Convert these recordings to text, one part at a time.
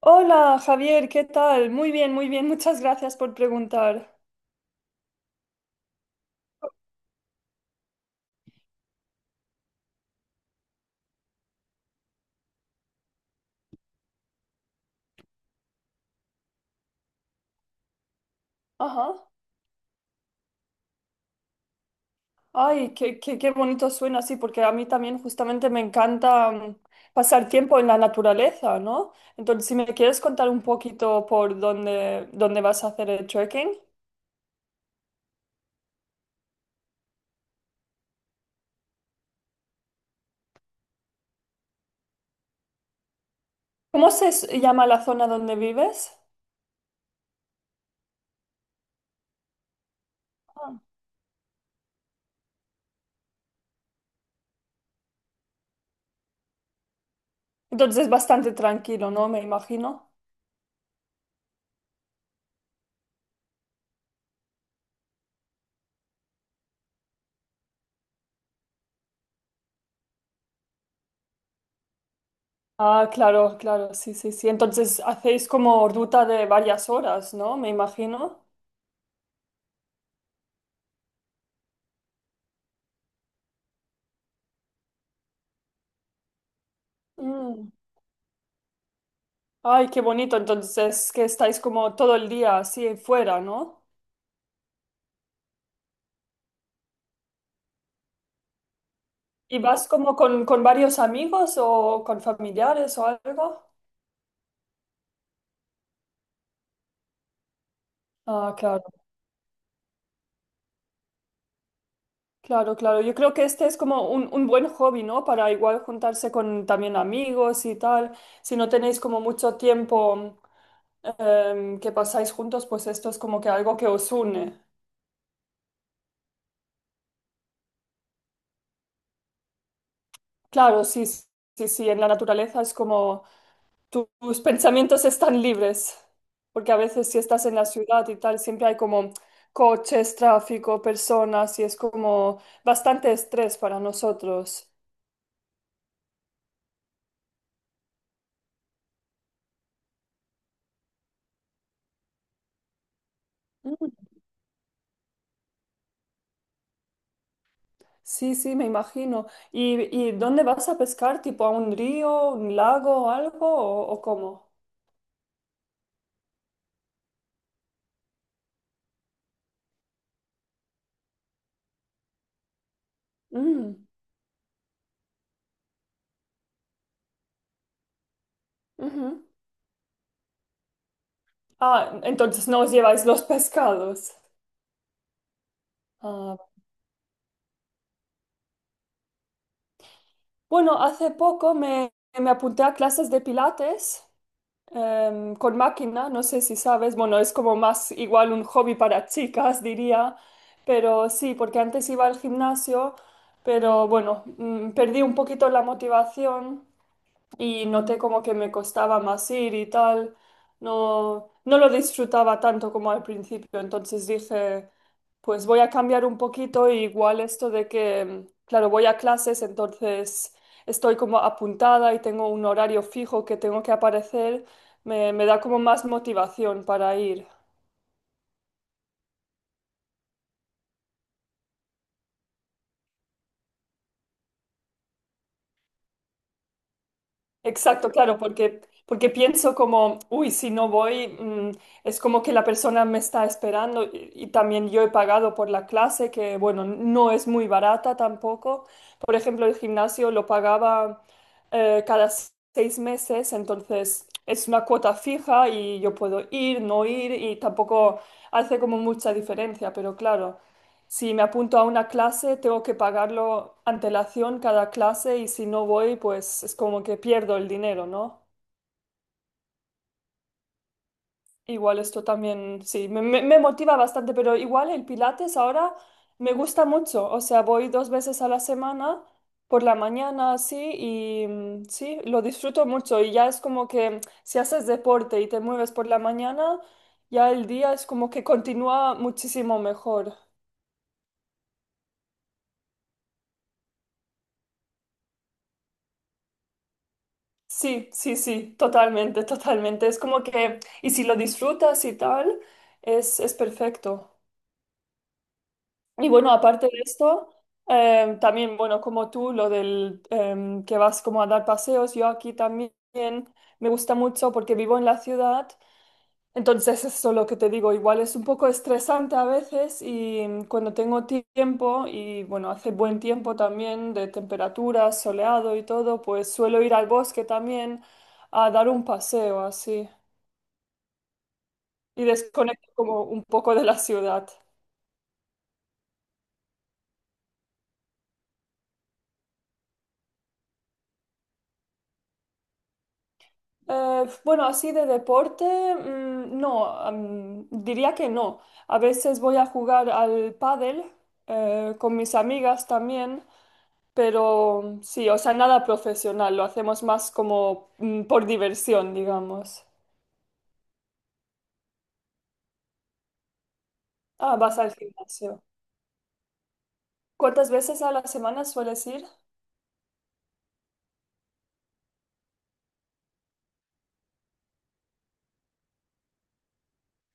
Hola Javier, ¿qué tal? Muy bien, muchas gracias por preguntar. Ajá. Ay, qué bonito suena así, porque a mí también justamente me encanta pasar tiempo en la naturaleza, ¿no? Entonces, si me quieres contar un poquito por dónde vas a hacer el trekking. ¿Cómo se llama la zona donde vives? Ah. Entonces es bastante tranquilo, ¿no? Me imagino. Ah, claro, claro, sí, sí, sí. Entonces hacéis como ruta de varias horas, ¿no? Me imagino. Ay, qué bonito. Entonces, que estáis como todo el día así fuera, ¿no? ¿Y vas como con varios amigos o con familiares o algo? Ah, claro, claro, claro. Yo creo que este es como un buen hobby, ¿no? Para igual juntarse con también amigos y tal. Si no tenéis como mucho tiempo que pasáis juntos, pues esto es como que algo que os une. Claro, sí, sí, sí. En la naturaleza es como tus pensamientos están libres, porque a veces si estás en la ciudad y tal, siempre hay como coches, tráfico, personas y es como bastante estrés para nosotros. Mm. Sí, sí, me imagino. Y dónde vas a pescar? ¿Tipo a un río, un lago o algo? O cómo? Mm, ujú. Ah, entonces no os lleváis los pescados. Ah, bueno, hace poco me apunté a clases de pilates, con máquina, no sé si sabes, bueno, es como más igual un hobby para chicas, diría, pero sí, porque antes iba al gimnasio, pero bueno, perdí un poquito la motivación y noté como que me costaba más ir y tal. No, no lo disfrutaba tanto como al principio, entonces dije, pues voy a cambiar un poquito y igual esto de que, claro, voy a clases, entonces estoy como apuntada y tengo un horario fijo que tengo que aparecer, me da como más motivación para ir. Exacto, claro, porque pienso como, uy, si no voy, es como que la persona me está esperando y también yo he pagado por la clase, que bueno, no es muy barata tampoco. Por ejemplo, el gimnasio lo pagaba cada seis meses, entonces es una cuota fija y yo puedo ir, no ir y tampoco hace como mucha diferencia, pero claro. Si me apunto a una clase, tengo que pagarlo antelación cada clase y si no voy, pues es como que pierdo el dinero, ¿no? Igual esto también, sí, me motiva bastante, pero igual el Pilates ahora me gusta mucho. O sea, voy dos veces a la semana, por la mañana, sí, y sí, lo disfruto mucho. Y ya es como que si haces deporte y te mueves por la mañana, ya el día es como que continúa muchísimo mejor. Sí, sí, sí, totalmente, totalmente. Es como que, y si lo disfrutas y tal, es perfecto. Y bueno, aparte de esto, también, bueno, como tú, lo del que vas como a dar paseos, yo aquí también me gusta mucho porque vivo en la ciudad, entonces eso es lo que te digo, igual es un poco estresante a veces y cuando tengo tiempo y bueno, hace buen tiempo también de temperatura, soleado y todo, pues suelo ir al bosque también a dar un paseo así y desconecto como un poco de la ciudad. Bueno, así de deporte, mm, no, diría que no. A veces voy a jugar al pádel con mis amigas también, pero sí, o sea, nada profesional, lo hacemos más como por diversión, digamos. Ah, vas al gimnasio. ¿Cuántas veces a la semana sueles ir?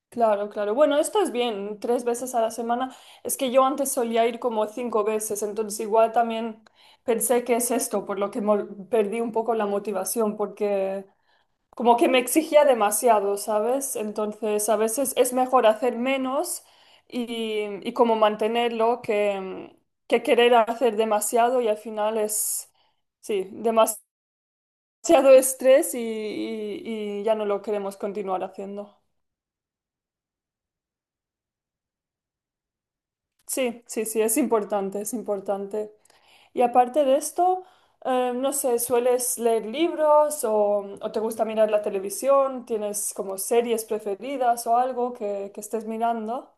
Claro, claro. Bueno, esto es bien, tres veces a la semana. Es que yo antes solía ir como cinco veces, entonces igual también pensé que es esto, por lo que perdí un poco la motivación, porque como que me exigía demasiado, ¿sabes? Entonces a veces es mejor hacer menos y como mantenerlo que querer hacer demasiado y al final sí, demasiado estrés y ya no lo queremos continuar haciendo. Sí, sí, sí, es importante, es importante. Y aparte de esto, no sé, ¿sueles leer libros o te gusta mirar la televisión? ¿Tienes como series preferidas o algo que estés mirando?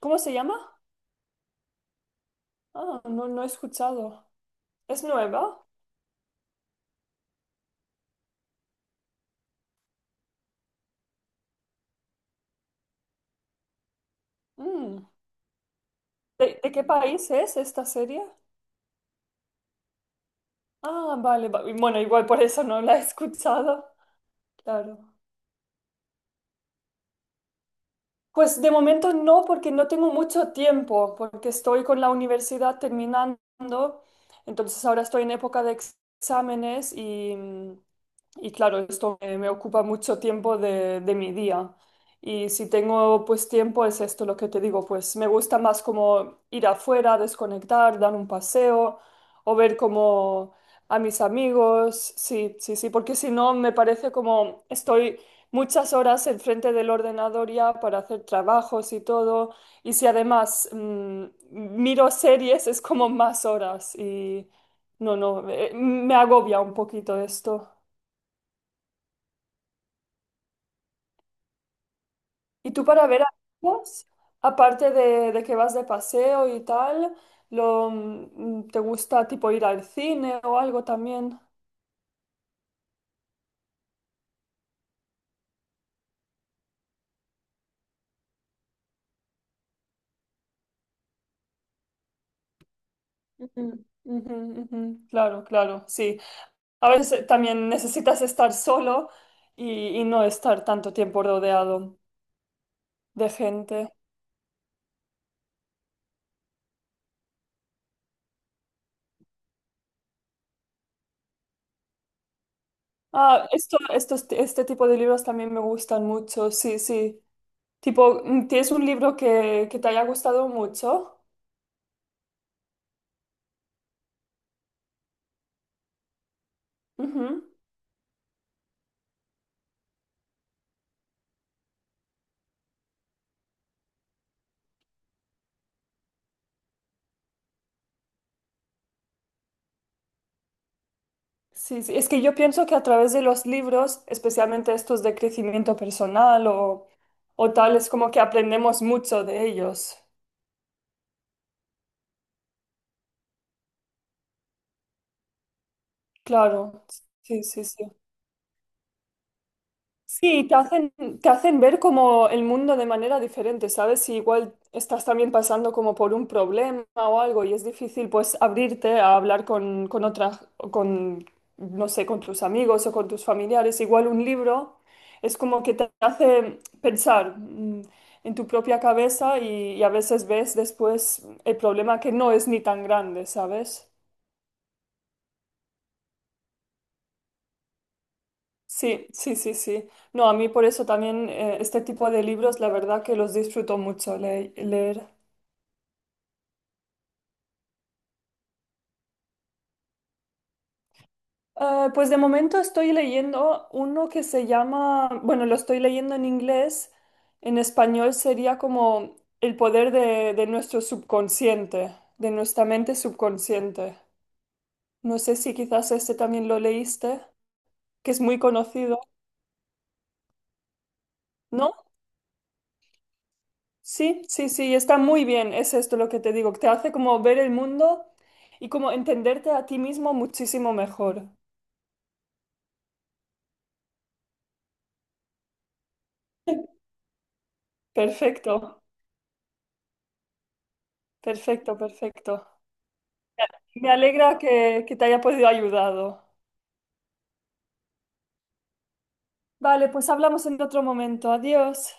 ¿Cómo se llama? Ah, no, no he escuchado. ¿Es nueva? Mm. De qué país es esta serie? Ah, vale, va- Bueno, igual por eso no la he escuchado. Claro. Pues de momento no, porque no tengo mucho tiempo, porque estoy con la universidad terminando, entonces ahora estoy en época de exámenes y claro, esto me ocupa mucho tiempo de mi día. Y si tengo pues tiempo, es esto lo que te digo, pues me gusta más como ir afuera, desconectar, dar un paseo o ver como a mis amigos, sí, sí, sí, porque si no me parece como estoy muchas horas enfrente del ordenador ya para hacer trabajos y todo. Y si además miro series, es como más horas. Y no, no, me agobia un poquito esto. ¿Y tú para ver amigos, aparte de que vas de paseo y tal, lo, te gusta tipo ir al cine o algo también? Ujú, ujú, ujú. Claro, claro, sí. A veces también necesitas estar solo y no estar tanto tiempo rodeado de gente. Ah, esto, estos, este tipo de libros también me gustan mucho, sí, sí. Tipo, mm, ¿tienes un libro que te haya gustado mucho? Ujú. Sí, sí. Es que yo pienso que a través de los libros, especialmente estos de crecimiento personal o tal, es como que aprendemos mucho de ellos. Claro, sí, sí, sí. Sí, te hacen ver como el mundo de manera diferente, ¿sabes? Si igual estás también pasando como por un problema o algo y es difícil pues abrirte a hablar con otras, con, no sé, con tus amigos o con tus familiares, igual un libro es como que te hace pensar en tu propia cabeza y a veces ves después el problema que no es ni tan grande, ¿sabes? Sí, sí, sí, sí. No, a mí por eso también este tipo de libros, la verdad que los disfruto mucho leer. Pues de momento estoy leyendo uno que se llama, bueno, lo estoy leyendo en inglés, en español sería como El poder de nuestro subconsciente, de nuestra mente subconsciente. No sé si quizás este también lo leíste, que es muy conocido, ¿no? Sí, sí, sí, está muy bien, es esto lo que te digo, te hace como ver el mundo y como entenderte a ti mismo muchísimo mejor. Perfecto, perfecto, perfecto. Me alegra que te haya podido ayudado. Vale, pues hablamos en otro momento. Adiós.